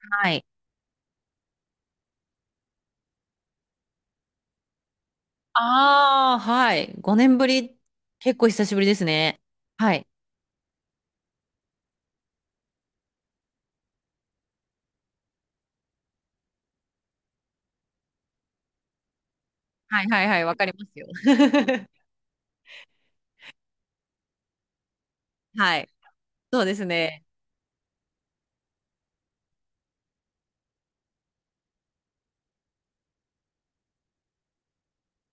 はい。ああ、はい。5年ぶり、結構久しぶりですね。はい。はいはいはい、わかりますよ。はい。そうですね。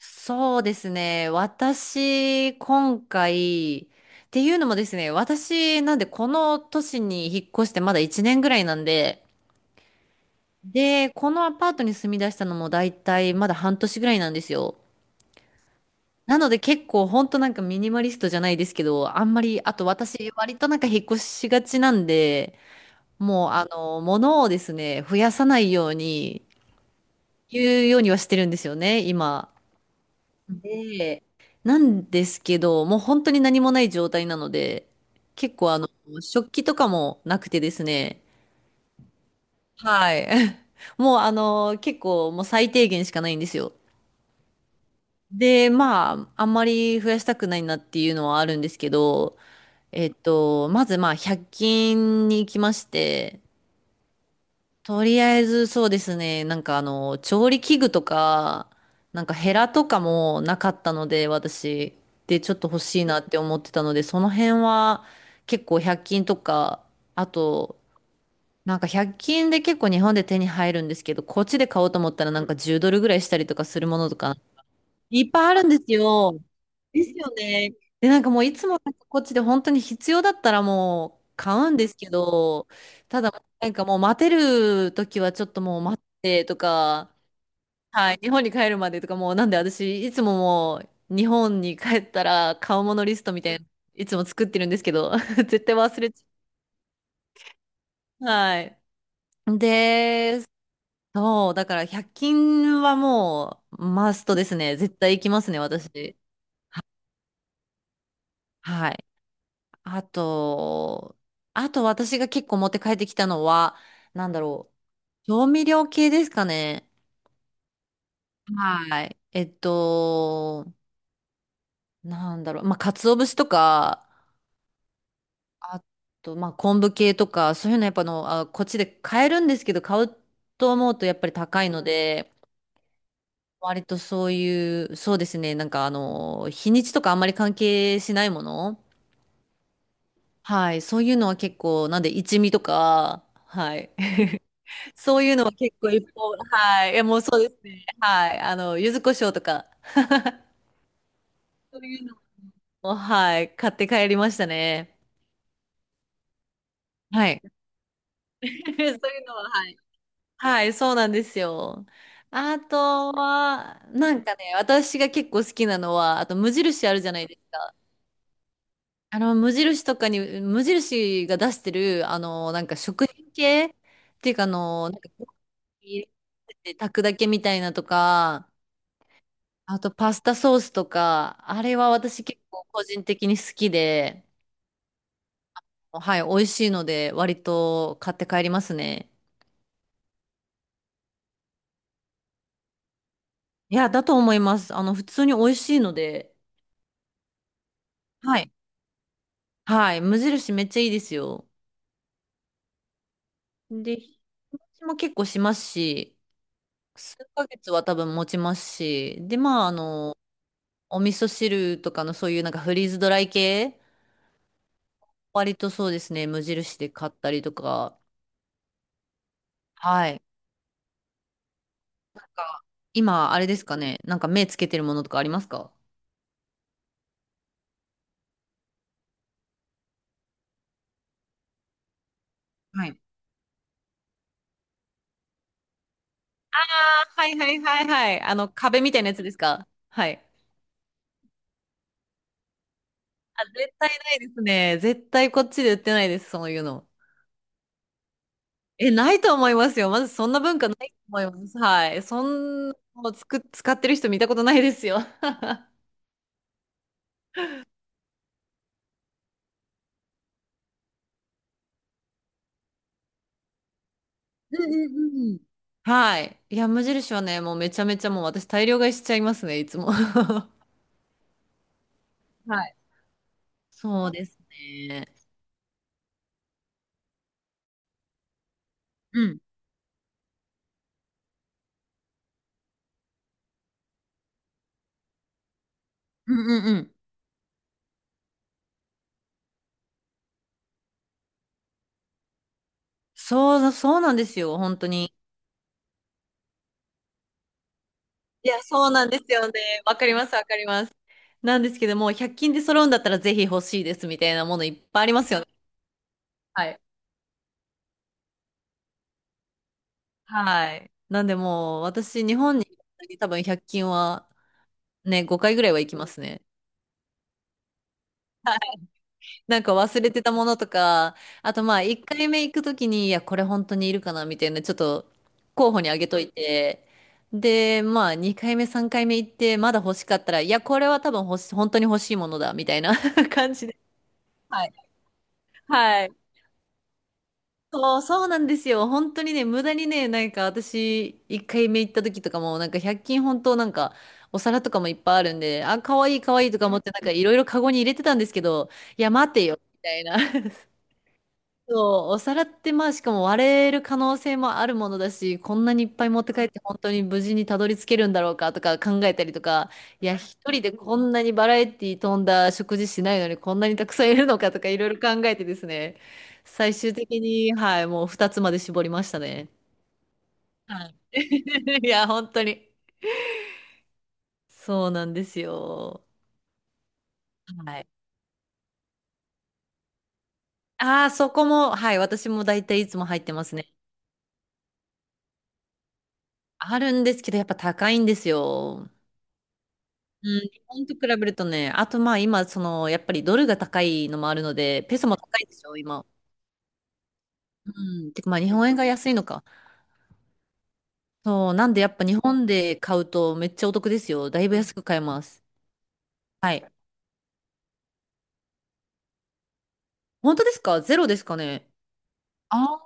そうですね。私、今回、っていうのもですね、私、なんで、この都市に引っ越してまだ1年ぐらいなんで、で、このアパートに住み出したのも大体まだ半年ぐらいなんですよ。なので結構ほんとなんかミニマリストじゃないですけど、あんまり、あと私割となんか引っ越しがちなんで、もう、あの、物をですね、増やさないように、言うようにはしてるんですよね、今。で、なんですけど、もう本当に何もない状態なので、結構あの、食器とかもなくてですね、はい。もうあの、結構もう最低限しかないんですよ。で、まあ、あんまり増やしたくないなっていうのはあるんですけど、まずまあ、1均に行きまして、とりあえずそうですね。なんかあの、調理器具とか、なんかヘラとかもなかったので、私。で、ちょっと欲しいなって思ってたので、その辺は結構100均とか、あと、なんか100均で結構日本で手に入るんですけど、こっちで買おうと思ったらなんか10ドルぐらいしたりとかするものとか、いっぱいあるんですよ。ですよね。で、なんかもういつもなんかこっちで本当に必要だったらもう買うんですけど、ただなんかもう待てる時はちょっともう待ってとか、はい、日本に帰るまでとかもうなんで私いつももう日本に帰ったら買うものリストみたいな、いつも作ってるんですけど、絶対忘れちゃう。はい。で、そう、だから100均はもうマストですね。絶対行きますね、私。はい。あと、あと私が結構持って帰ってきたのは、なんだろう。調味料系ですかね。はい。なんだろう。まあ、鰹節とか、あと、まあ、昆布系とか、そういうのやっぱあの、あ、こっちで買えるんですけど、買うと思うとやっぱり高いので、割とそういう、そうですね。なんかあの、日にちとかあんまり関係しないもの。はい。そういうのは結構、なんで一味とか、はい。そういうのは結構一方はい。いや、もうそうですね。はい。あの、柚子胡椒とか、そういうのも、はい。買って帰りましたね。はい。そういうのは、はい。はい、そうなんですよ。あとは、なんかね、私が結構好きなのは、あと無印あるじゃないですか。あの、無印とかに、無印が出してる、あの、なんか食品系っていうか、あの、なんか、入れて炊くだけみたいなとか、あとパスタソースとか、あれは私結構個人的に好きで、はい、美味しいので割と買って帰りますね。いや、だと思います。あの、普通に美味しいので、はい。はい、無印めっちゃいいですよ。で、日持ちも結構しますし、数ヶ月は多分持ちますし、で、まあ、あの、お味噌汁とかのそういうなんかフリーズドライ系、割とそうですね、無印で買ったりとか、はい、なんか、今、あれですかね。なんか目つけてるものとかありますか？はい。ああ、はいはいはいはい。あの、壁みたいなやつですか？はい。あ、絶対ないですね。絶対こっちで売ってないです、そういうの。え、ないと思いますよ。まずそんな文化ないと思います。はい。そんなのつく、使ってる人見たことないですよ。うんうんうんうん。はい。いや、無印はね、もうめちゃめちゃもう私大量買いしちゃいますね、いつも。はい。そうですね。うん。うんうんうん。そう、そうなんですよ、本当に。いや、そうなんですよね。わかります、わかります。なんですけども、100均で揃うんだったらぜひ欲しいですみたいなものいっぱいありますよね。はい。はい。なんでもう、私、日本に多分100均はね、5回ぐらいは行きますね。なんか忘れてたものとか、あとまあ1回目行くときに、いや、これ本当にいるかなみたいな、ちょっと候補にあげといて、で、まあ2回目、3回目行って、まだ欲しかったら、いや、これは多分欲し、本当に欲しいものだ、みたいな 感じで。はい。はい。そう、そうなんですよ。本当にね、無駄にね、なんか私、1回目行った時とかも、なんか100均本当なんか、お皿とかもいっぱいあるんで、あ、かわいいかわいいとか思って、なんかいろいろカゴに入れてたんですけど、いや、待てよ、みたいな。そう、お皿ってまあしかも割れる可能性もあるものだし、こんなにいっぱい持って帰って本当に無事にたどり着けるんだろうかとか考えたりとか、いや、一人でこんなにバラエティ飛んだ食事しないのにこんなにたくさんいるのかとかいろいろ考えてですね、最終的に、はい、もう2つまで絞りましたね。はい。いや、本当に。そうなんですよ。はい。ああ、そこも、はい、私も大体いつも入ってますね。あるんですけど、やっぱ高いんですよ。うん、日本と比べるとね、あとまあ今、その、やっぱりドルが高いのもあるので、ペソも高いでしょ、今。うん、てかまあ日本円が安いのか。そう、なんでやっぱ日本で買うとめっちゃお得ですよ。だいぶ安く買えます。はい。本当ですか？ゼロですかね？あー、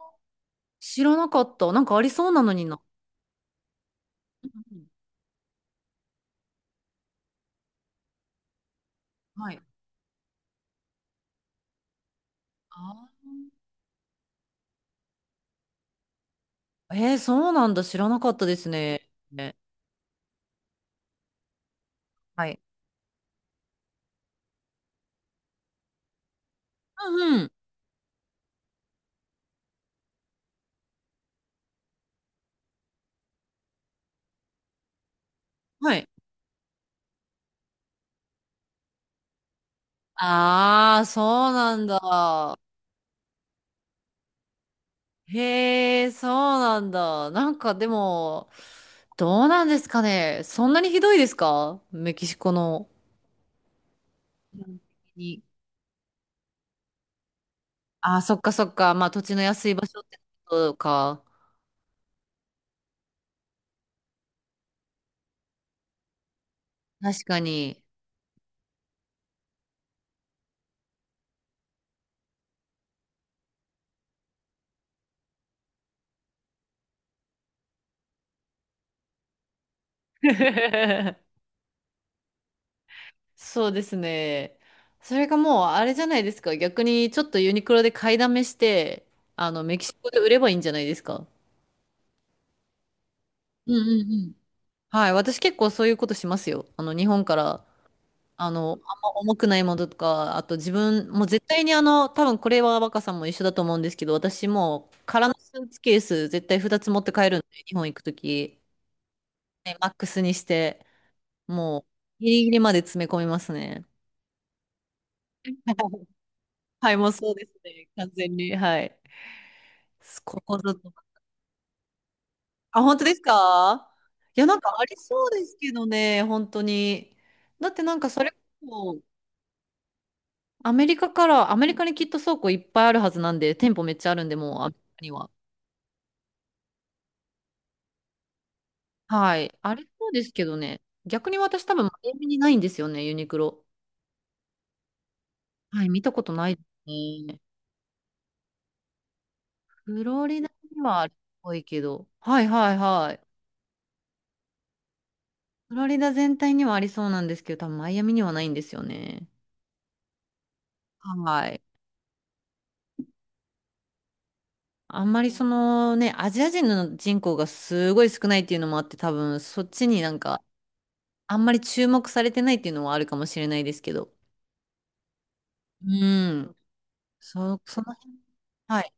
知らなかった。なんかありそうなのにな。うんうん、はい。あー、えー、そうなんだ。知らなかったですね。ね、はい。うんうん。はい。ああ、そうなんだ。へえ、そうなんだ。なんかでも、どうなんですかね。そんなにひどいですか？メキシコの。うん、に、あ、そっかそっか。まあ土地の安い場所ってことか。確かに。そうですね。それがもうあれじゃないですか。逆にちょっとユニクロで買いだめして、あの、メキシコで売ればいいんじゃないですか。うんうんうん。はい。私結構そういうことしますよ。あの、日本からあの、あんま重くないものとか、あと自分、もう絶対にあの、多分これは若さんも一緒だと思うんですけど、私も空のスーツケース絶対2つ持って帰るんで、日本行くとき、ねマックスにして、もうギリギリまで詰め込みますね。はい、もうそうですね、完全に。はい。ここぞと。あ、本当ですか？いや、なんかありそうですけどね、本当に。だってなんかそれこそ、アメリカにきっと倉庫いっぱいあるはずなんで、店舗めっちゃあるんで、もうアメリカには。はい。あれそうですけどね。逆に私多分、マイアミにないんですよね、ユニクロ。はい、見たことないですね。フロリダにはあるっぽいけど。はいはいはい。フロリダ全体にはありそうなんですけど、多分マイアミにはないんですよね。はい。あんまりそのね、アジア人の人口がすごい少ないっていうのもあって、多分そっちになんか、あんまり注目されてないっていうのもあるかもしれないですけど。うん。その辺、はい。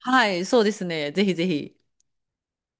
はい、そうですね。ぜひぜひ。